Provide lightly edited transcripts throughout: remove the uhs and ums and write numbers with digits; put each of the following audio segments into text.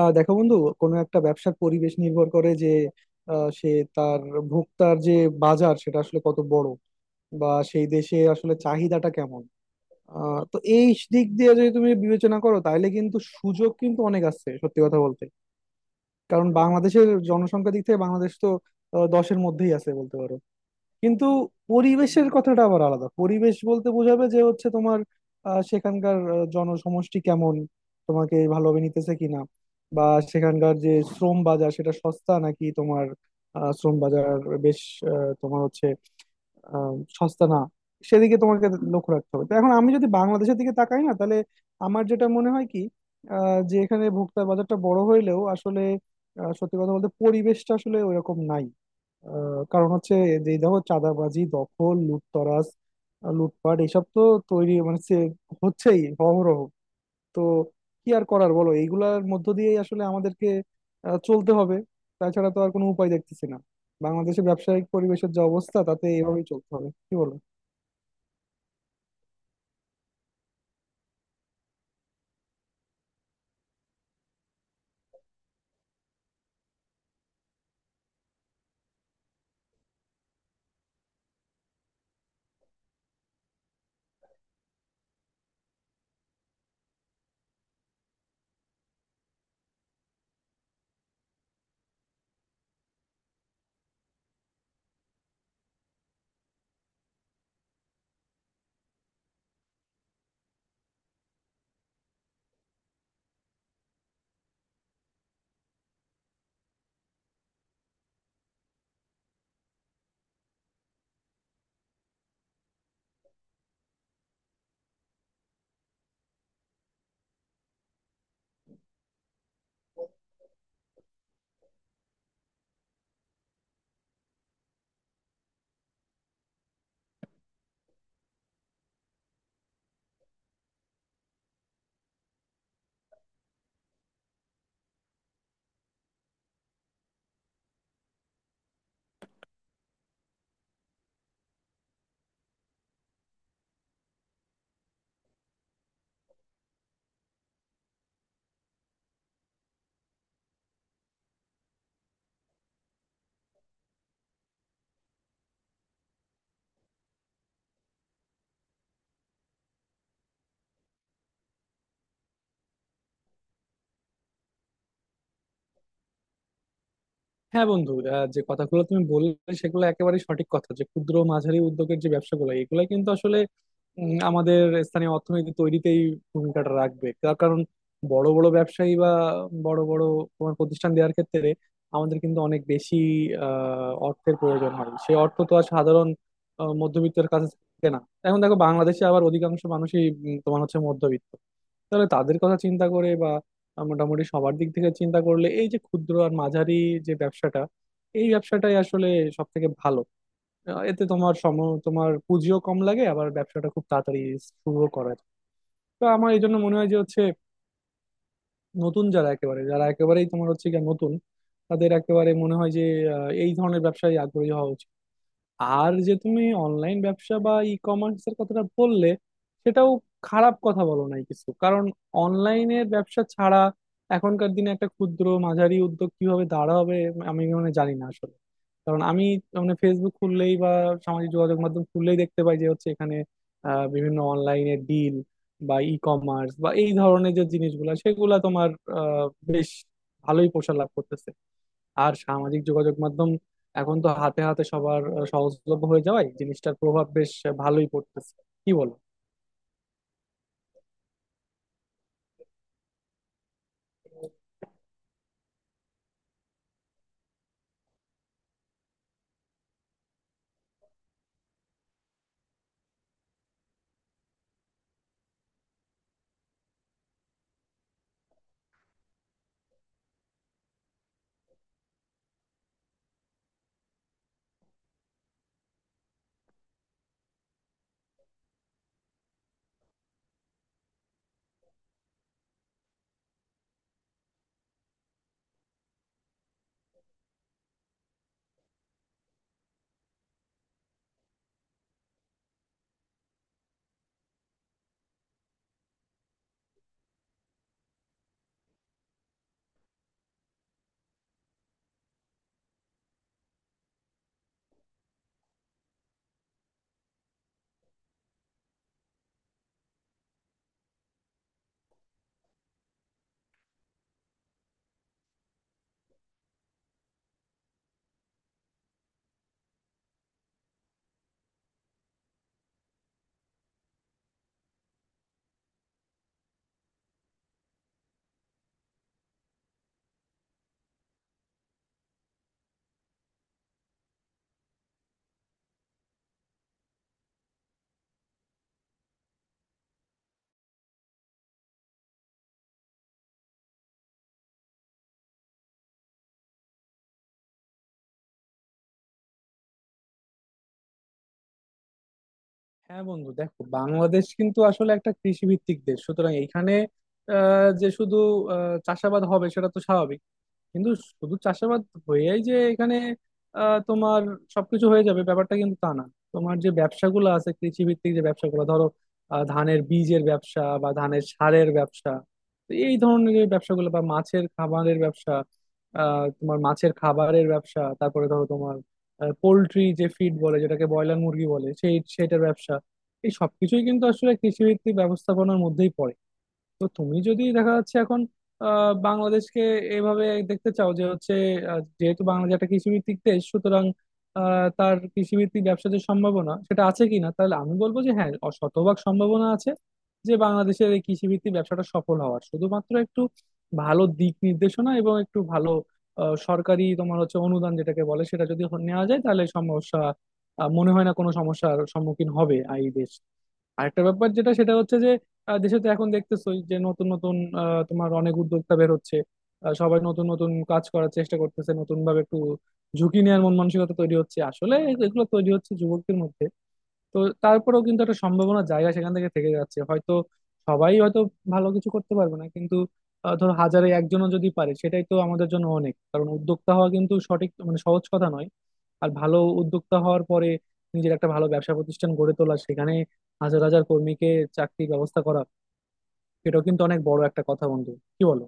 দেখো বন্ধু, কোনো একটা ব্যবসার পরিবেশ নির্ভর করে যে আহ, সে তার ভোক্তার যে বাজার সেটা আসলে কত বড় বা সেই দেশে আসলে চাহিদাটা কেমন। তো এই দিক দিয়ে যদি তুমি বিবেচনা করো তাহলে কিন্তু সুযোগ কিন্তু অনেক আছে সত্যি কথা বলতে। কারণ বাংলাদেশের জনসংখ্যা দিক থেকে বাংলাদেশ তো দশের মধ্যেই আছে বলতে পারো। কিন্তু পরিবেশের কথাটা আবার আলাদা, পরিবেশ বলতে বোঝাবে যে হচ্ছে তোমার সেখানকার জনসমষ্টি কেমন, তোমাকে ভালোভাবে নিতেছে কিনা, বা সেখানকার যে শ্রম বাজার সেটা সস্তা নাকি তোমার শ্রম বাজার বেশ আহ, তোমার হচ্ছে আহ, সস্তা না, সেদিকে তোমাকে লক্ষ্য রাখতে হবে। তো এখন আমি যদি বাংলাদেশের দিকে তাকাই না, তাহলে আমার যেটা মনে হয় কি, যে এখানে ভোক্তা বাজারটা বড় হইলেও আসলে সত্যি কথা বলতে পরিবেশটা আসলে ওইরকম নাই। কারণ হচ্ছে, যেই দেখো চাঁদাবাজি, দখল, লুটতরাজ, লুটপাট, এসব তো তৈরি মানে সে- হচ্ছেই অহরহ। তো কি আর করার বলো, এইগুলার মধ্য দিয়েই আসলে আমাদেরকে চলতে হবে, তাছাড়া তো আর কোনো উপায় দেখতেছি না। বাংলাদেশের ব্যবসায়িক পরিবেশের যে অবস্থা তাতে এভাবেই চলতে হবে, কি বলো? হ্যাঁ বন্ধু, যে কথাগুলো তুমি বললে সেগুলো একেবারে সঠিক কথা, যে ক্ষুদ্র মাঝারি উদ্যোগের যে ব্যবসাগুলো এগুলো কিন্তু আসলে আমাদের স্থানীয় অর্থনীতি তৈরিতেই ভূমিকাটা রাখবে। তার কারণ, বড় বড় ব্যবসায়ী বা বড় বড় তোমার প্রতিষ্ঠান দেওয়ার ক্ষেত্রে আমাদের কিন্তু অনেক বেশি অর্থের প্রয়োজন হয়, সেই অর্থ তো আর সাধারণ মধ্যবিত্তের কাছে থাকে না। এখন দেখো বাংলাদেশে আবার অধিকাংশ মানুষই তোমার হচ্ছে মধ্যবিত্ত। তাহলে তাদের কথা চিন্তা করে বা মোটামুটি সবার দিক থেকে চিন্তা করলে এই যে ক্ষুদ্র আর মাঝারি যে ব্যবসাটা, এই ব্যবসাটাই আসলে সব থেকে ভালো। আহ, এতে তোমার সম তোমার পুঁজিও কম লাগে, আবার ব্যবসাটা খুব তাড়াতাড়ি শুরু করা যায়। তো আমার এই জন্য মনে হয় যে হচ্ছে, নতুন যারা একেবারেই তোমার হচ্ছে গিয়ে নতুন, তাদের একেবারে মনে হয় যে এই ধরনের ব্যবসায় আগ্রহী হওয়া উচিত। আর যে তুমি অনলাইন ব্যবসা বা ই কমার্স এর কথাটা বললে, সেটাও খারাপ কথা বলো নাই কিছু। কারণ অনলাইনের ব্যবসা ছাড়া এখনকার দিনে একটা ক্ষুদ্র মাঝারি উদ্যোগ কিভাবে দাঁড়াবে আমি মানে জানি না আসলে। কারণ আমি মানে ফেসবুক খুললেই বা সামাজিক যোগাযোগ মাধ্যম খুললেই দেখতে পাই যে হচ্ছে এখানে বিভিন্ন অনলাইনে ডিল বা ই কমার্স বা এই ধরনের যে জিনিসগুলা সেগুলা তোমার আহ, বেশ ভালোই প্রসার লাভ করতেছে। আর সামাজিক যোগাযোগ মাধ্যম এখন তো হাতে হাতে সবার সহজলভ্য হয়ে যাওয়ায় জিনিসটার প্রভাব বেশ ভালোই পড়তেছে, কি বলো? হ্যাঁ বন্ধু, দেখো বাংলাদেশ কিন্তু আসলে একটা কৃষি ভিত্তিক দেশ, সুতরাং এইখানে আহ, যে শুধু আহ, চাষাবাদ হবে সেটা তো স্বাভাবিক। কিন্তু শুধু চাষাবাদ হয়েই যে এখানে তোমার সবকিছু হয়ে যাবে ব্যাপারটা কিন্তু তা না। তোমার যে ব্যবসাগুলো আছে কৃষি ভিত্তিক, যে ব্যবসাগুলো ধরো ধানের বীজের ব্যবসা বা ধানের সারের ব্যবসা, তো এই ধরনের যে ব্যবসাগুলো বা মাছের খাবারের ব্যবসা, তারপরে ধরো তোমার পোল্ট্রি যে ফিড বলে, যেটাকে ব্রয়লার মুরগি বলে, সেটার ব্যবসা, এই সবকিছুই কিন্তু আসলে কৃষিভিত্তিক ব্যবস্থাপনার মধ্যেই পড়ে। তো তুমি যদি দেখা যাচ্ছে এখন বাংলাদেশকে এইভাবে দেখতে চাও যে হচ্ছে যেহেতু বাংলাদেশ একটা কৃষিভিত্তিক দেশ, সুতরাং তার কৃষিভিত্তিক ব্যবসার যে সম্ভাবনা সেটা আছে কিনা, তাহলে আমি বলবো যে হ্যাঁ, শতভাগ সম্ভাবনা আছে যে বাংলাদেশের এই কৃষিভিত্তিক ব্যবসাটা সফল হওয়ার। শুধুমাত্র একটু ভালো দিক নির্দেশনা এবং একটু ভালো সরকারি তোমার হচ্ছে অনুদান যেটাকে বলে, সেটা যদি নেওয়া যায় তাহলে সমস্যা, মনে হয় না কোনো সমস্যার সম্মুখীন হবে এই দেশ। আরেকটা ব্যাপার যেটা, সেটা হচ্ছে যে দেশে তো এখন দেখতেছোই যে নতুন নতুন তোমার অনেক উদ্যোক্তা বের হচ্ছে। সবাই নতুন নতুন কাজ করার চেষ্টা করতেছে, নতুন ভাবে একটু ঝুঁকি নেওয়ার মন মানসিকতা তৈরি হচ্ছে আসলে, এগুলো তৈরি হচ্ছে যুবকদের মধ্যে। তো তারপরেও কিন্তু একটা সম্ভাবনা জায়গা সেখান থেকে থেকে যাচ্ছে। হয়তো সবাই হয়তো ভালো কিছু করতে পারবে না, কিন্তু ধরো হাজারে একজনও যদি পারে সেটাই তো আমাদের জন্য অনেক। কারণ উদ্যোক্তা হওয়া কিন্তু সঠিক মানে সহজ কথা নয়। আর ভালো উদ্যোক্তা হওয়ার পরে নিজের একটা ভালো ব্যবসা প্রতিষ্ঠান গড়ে তোলা, সেখানে হাজার হাজার কর্মীকে চাকরির ব্যবস্থা করা, এটাও কিন্তু অনেক বড় একটা কথা বন্ধু, কি বলো?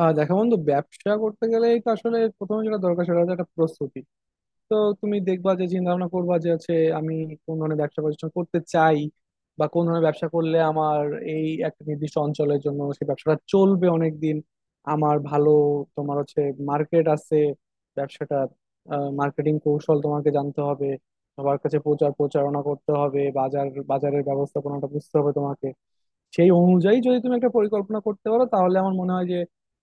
দেখো বন্ধু, ব্যবসা করতে গেলেই তো আসলে প্রথমে যেটা দরকার সেটা হচ্ছে একটা প্রস্তুতি। তো তুমি দেখবা যে চিন্তা ভাবনা করবা যে হচ্ছে, আমি কোন ধরনের ব্যবসা প্রতিষ্ঠান করতে চাই, বা কোন ধরনের ব্যবসা করলে আমার এই একটা নির্দিষ্ট অঞ্চলের জন্য সেই ব্যবসাটা চলবে অনেক দিন। আমার ভালো তোমার হচ্ছে মার্কেট আছে ব্যবসাটা, মার্কেটিং কৌশল তোমাকে জানতে হবে, সবার কাছে প্রচার প্রচারণা করতে হবে, বাজারের ব্যবস্থাপনাটা বুঝতে হবে তোমাকে। সেই অনুযায়ী যদি তুমি একটা পরিকল্পনা করতে পারো তাহলে আমার মনে হয় যে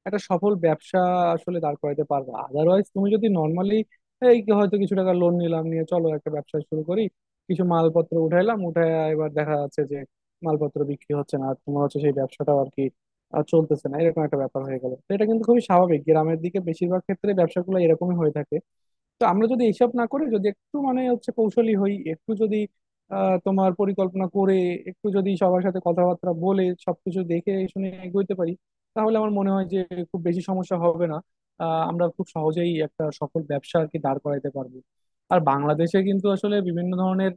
একটা সফল ব্যবসা আসলে দাঁড় করাতে পারবে। আদারওয়াইজ তুমি যদি নর্মালি এই কি হয়তো কিছু টাকা লোন নিলাম, নিয়ে চলো একটা ব্যবসা শুরু করি, কিছু মালপত্র উঠায় এবার দেখা যাচ্ছে যে মালপত্র বিক্রি হচ্ছে না, আর তোমার হচ্ছে সেই ব্যবসাটাও আর কি চলতেছে না, এরকম একটা ব্যাপার হয়ে গেল। তো এটা কিন্তু খুবই স্বাভাবিক, গ্রামের দিকে বেশিরভাগ ক্ষেত্রে ব্যবসাগুলো এরকমই হয়ে থাকে। তো আমরা যদি এইসব না করে যদি একটু মানে হচ্ছে কৌশলী হই, একটু যদি তোমার পরিকল্পনা করে, একটু যদি সবার সাথে কথাবার্তা বলে সবকিছু দেখে শুনে এগোতে পারি, তাহলে আমার মনে হয় যে খুব বেশি সমস্যা হবে না, আমরা খুব সহজেই একটা সফল ব্যবসা আর কি দাঁড় করাইতে পারবো। আর বাংলাদেশে কিন্তু আসলে বিভিন্ন ধরনের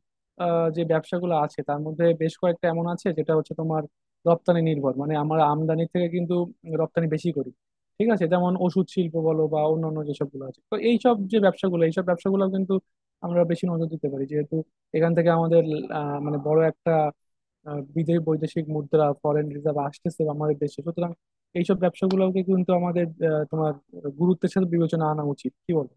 যে ব্যবসাগুলো আছে তার মধ্যে বেশ কয়েকটা এমন আছে যেটা হচ্ছে তোমার রপ্তানি নির্ভর, মানে আমরা আমদানি থেকে কিন্তু রপ্তানি বেশি করি। ঠিক আছে, যেমন ওষুধ শিল্প বলো বা অন্যান্য যেসবগুলো আছে, তো এইসব যে ব্যবসাগুলো, এইসব ব্যবসাগুলো কিন্তু আমরা বেশি নজর দিতে পারি। যেহেতু এখান থেকে আমাদের আহ, মানে বড় একটা আহ, বিদেশি বৈদেশিক মুদ্রা ফরেন রিজার্ভ আসতেছে আমাদের দেশে, সুতরাং এইসব ব্যবসাগুলোকে কিন্তু আমাদের তোমার গুরুত্বের সাথে বিবেচনা আনা উচিত, কি বল?